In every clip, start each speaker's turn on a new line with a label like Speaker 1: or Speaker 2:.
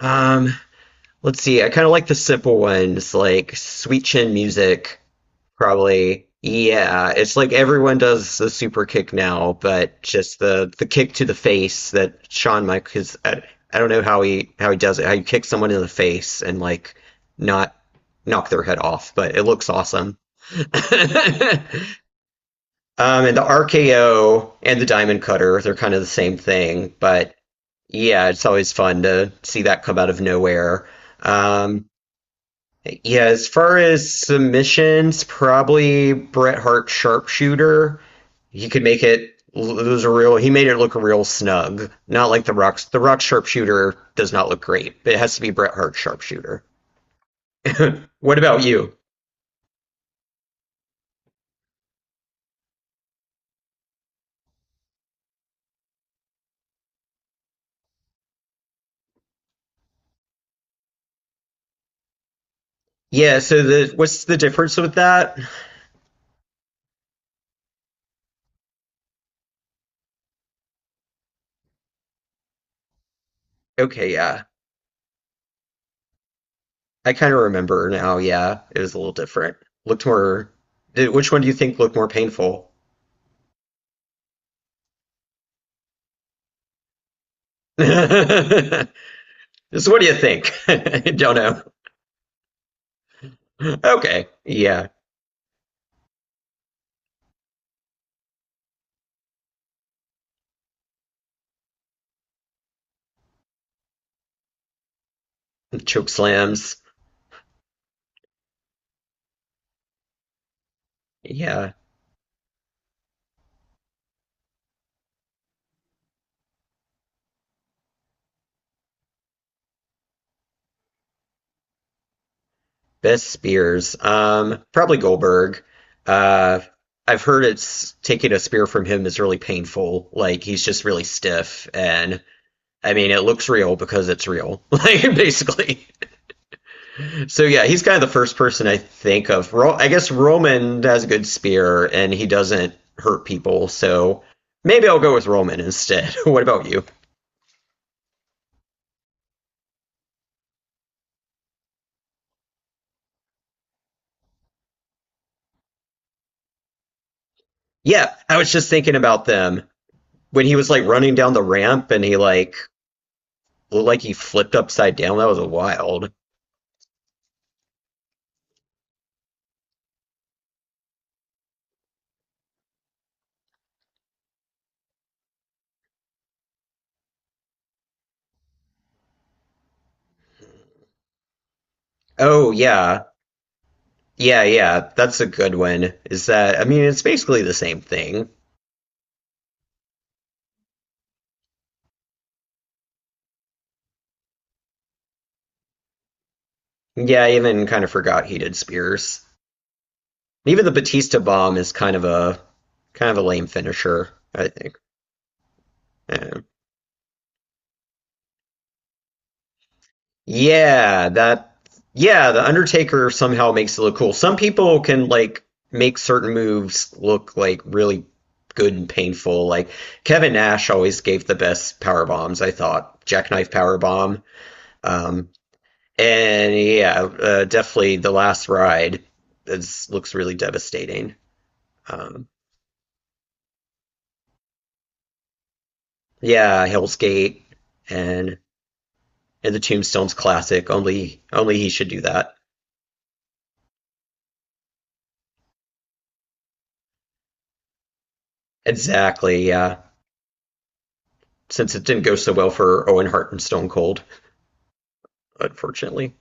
Speaker 1: Um, let's see. I kind of like the simple ones, like sweet chin music, probably. Yeah, it's like everyone does the super kick now, but just the kick to the face that Shawn Michaels. I don't know how he does it. How you kick someone in the face and like not knock their head off, but it looks awesome. And the RKO and the Diamond Cutter, they're kind of the same thing, but yeah, it's always fun to see that come out of nowhere. Um, yeah, as far as submissions, probably Bret Hart Sharpshooter. He could make it lose a real, he made it look real snug. Not like the Rock's, the Rock Sharpshooter does not look great, but it has to be Bret Hart Sharpshooter. What about you? Yeah, so the what's the difference with that? Okay, yeah. I kind of remember now. Yeah, it was a little different. Looked more. Did, which one do you think looked more painful? So what do you think? Don't know. Okay. Yeah. Choke slams. Yeah. Best spears. Probably Goldberg. Uh, I've heard it's taking a spear from him is really painful. Like he's just really stiff, and I mean it looks real because it's real. Like basically. So yeah, he's kind of the first person I think of. I guess Roman has a good spear and he doesn't hurt people, so maybe I'll go with Roman instead. What about you? Yeah, I was just thinking about them when he was like running down the ramp and he like looked like he flipped upside down. That was wild. Oh yeah, yeah. That's a good one. Is that? I mean, it's basically the same thing. Yeah, I even kind of forgot he did spears. Even the Batista bomb is kind of a lame finisher, I think. Uh, Yeah, that yeah, the Undertaker somehow makes it look cool. Some people can like make certain moves look like really good and painful. Like Kevin Nash always gave the best power bombs, I thought. Jackknife power bomb. Um, and yeah, definitely the last ride is, looks really devastating. Um, yeah, Hell's Gate and the Tombstones classic. Only he should do that. Exactly, yeah. Since it didn't go so well for Owen Hart and Stone Cold, unfortunately.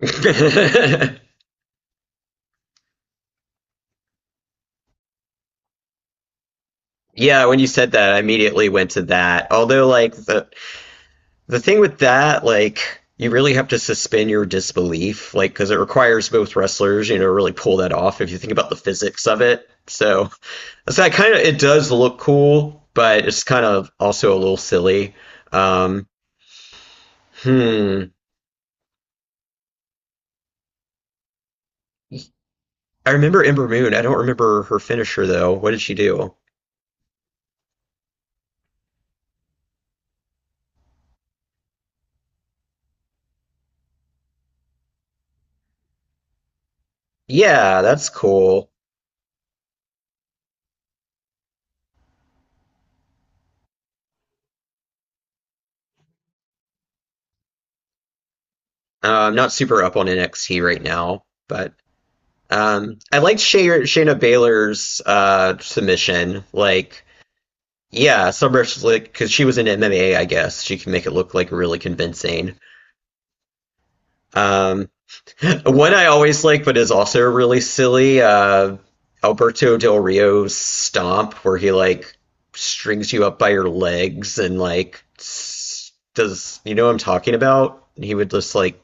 Speaker 1: Yeah, when you said that, I immediately went to that. Although, like the thing with that, like you really have to suspend your disbelief, like because it requires both wrestlers, you know, really pull that off. If you think about the physics of it, so it's that kind of it does look cool, but it's kind of also a little silly. Um, hmm. I remember Ember Moon. I don't remember her finisher though. What did she do? Yeah, that's cool. I'm not super up on NXT right now, but I liked Shayna Baylor's submission. Like, yeah, some wrestlers like because she was in MMA, I guess she can make it look like really convincing. Um, one I always like, but is also really silly. Alberto Del Rio's stomp, where he like strings you up by your legs and like does you know what I'm talking about? He would just like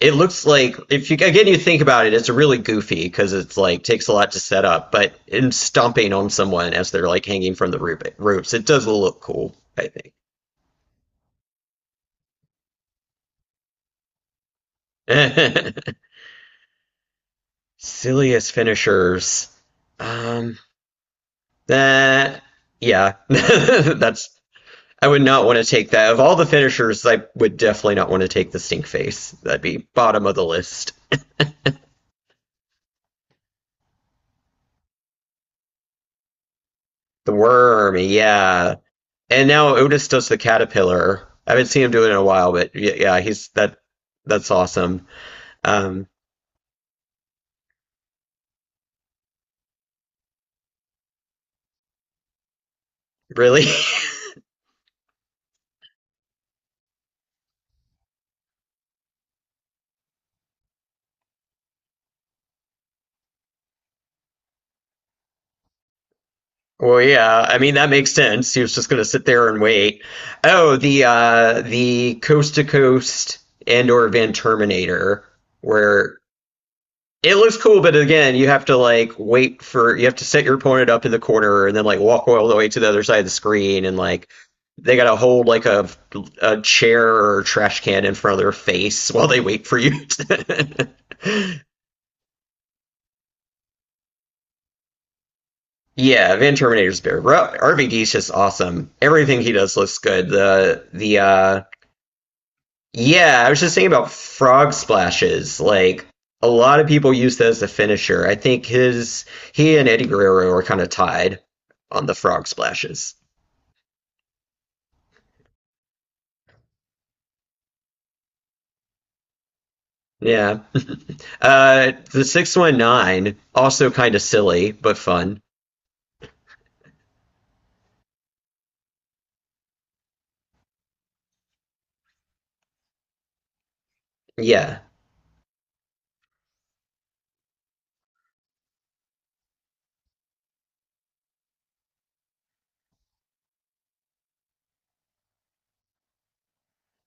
Speaker 1: it looks like if you again you think about it, it's really goofy because it's like takes a lot to set up, but in stomping on someone as they're like hanging from the ropes, it does look cool. I think silliest finishers. Um, that yeah, that's I would not want to take that. Of all the finishers, I would definitely not want to take the stink face. That'd be bottom of the list. The worm, yeah. And now Otis does the caterpillar. I haven't seen him do it in a while, but yeah he's that. That's awesome. Um, really? Well, yeah. I mean, that makes sense. He was just going to sit there and wait. Oh, the coast to coast and or Van Terminator, where it looks cool, but again, you have to like wait for you have to set your opponent up in the corner and then like walk all the way to the other side of the screen and like they gotta hold like a chair or trash can in front of their face while they wait for you. To- Yeah, Van Terminator's better. RVD's just awesome. Everything he does looks good. The yeah, I was just thinking about frog splashes. Like a lot of people use that as a finisher. I think his he and Eddie Guerrero are kind of tied on the frog splashes. Yeah. The 619 also kind of silly but fun. Yeah.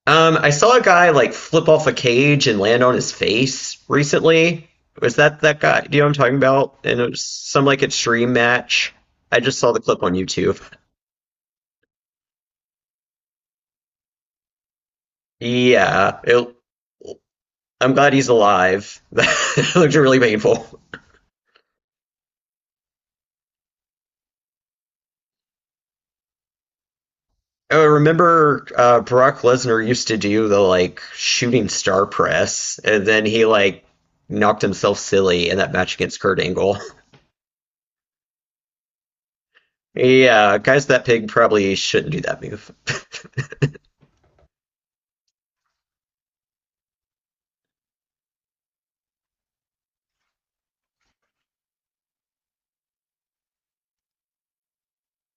Speaker 1: I saw a guy like flip off a cage and land on his face recently. Was that that guy? Do you know what I'm talking about? And it was some like extreme match. I just saw the clip on YouTube. Yeah, it I'm glad he's alive. That looked really painful. I remember Brock Lesnar used to do the like shooting star press, and then he like knocked himself silly in that match against Kurt Angle. Yeah, guys, that pig probably shouldn't do that move.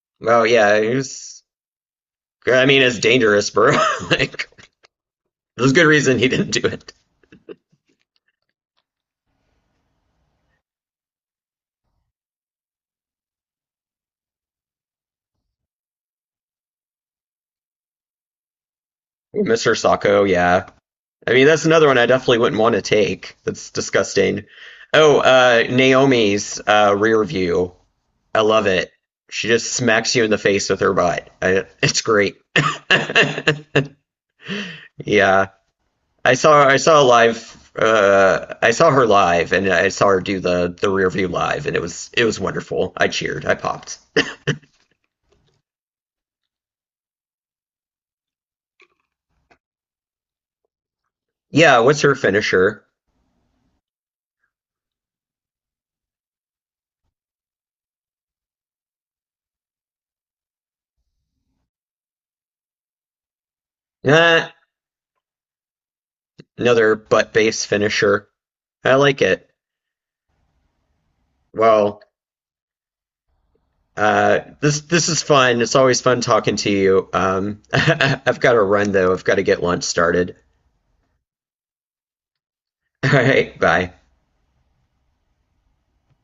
Speaker 1: Oh yeah, he was. I mean, it's dangerous, bro. Like, there's good reason he didn't do it. Mr. Sacco, yeah. I mean, that's another one I definitely wouldn't want to take. That's disgusting. Oh, Naomi's rear view, I love it. She just smacks you in the face with her butt. I, it's great. Yeah, I saw a live. I saw her live, and I saw her do the rear view live, and it was wonderful. I cheered. I popped. Yeah, what's her finisher? Nah, another butt base finisher. I like it. Well, this is fun. It's always fun talking to you. I've got to run though. I've got to get lunch started. All right, bye.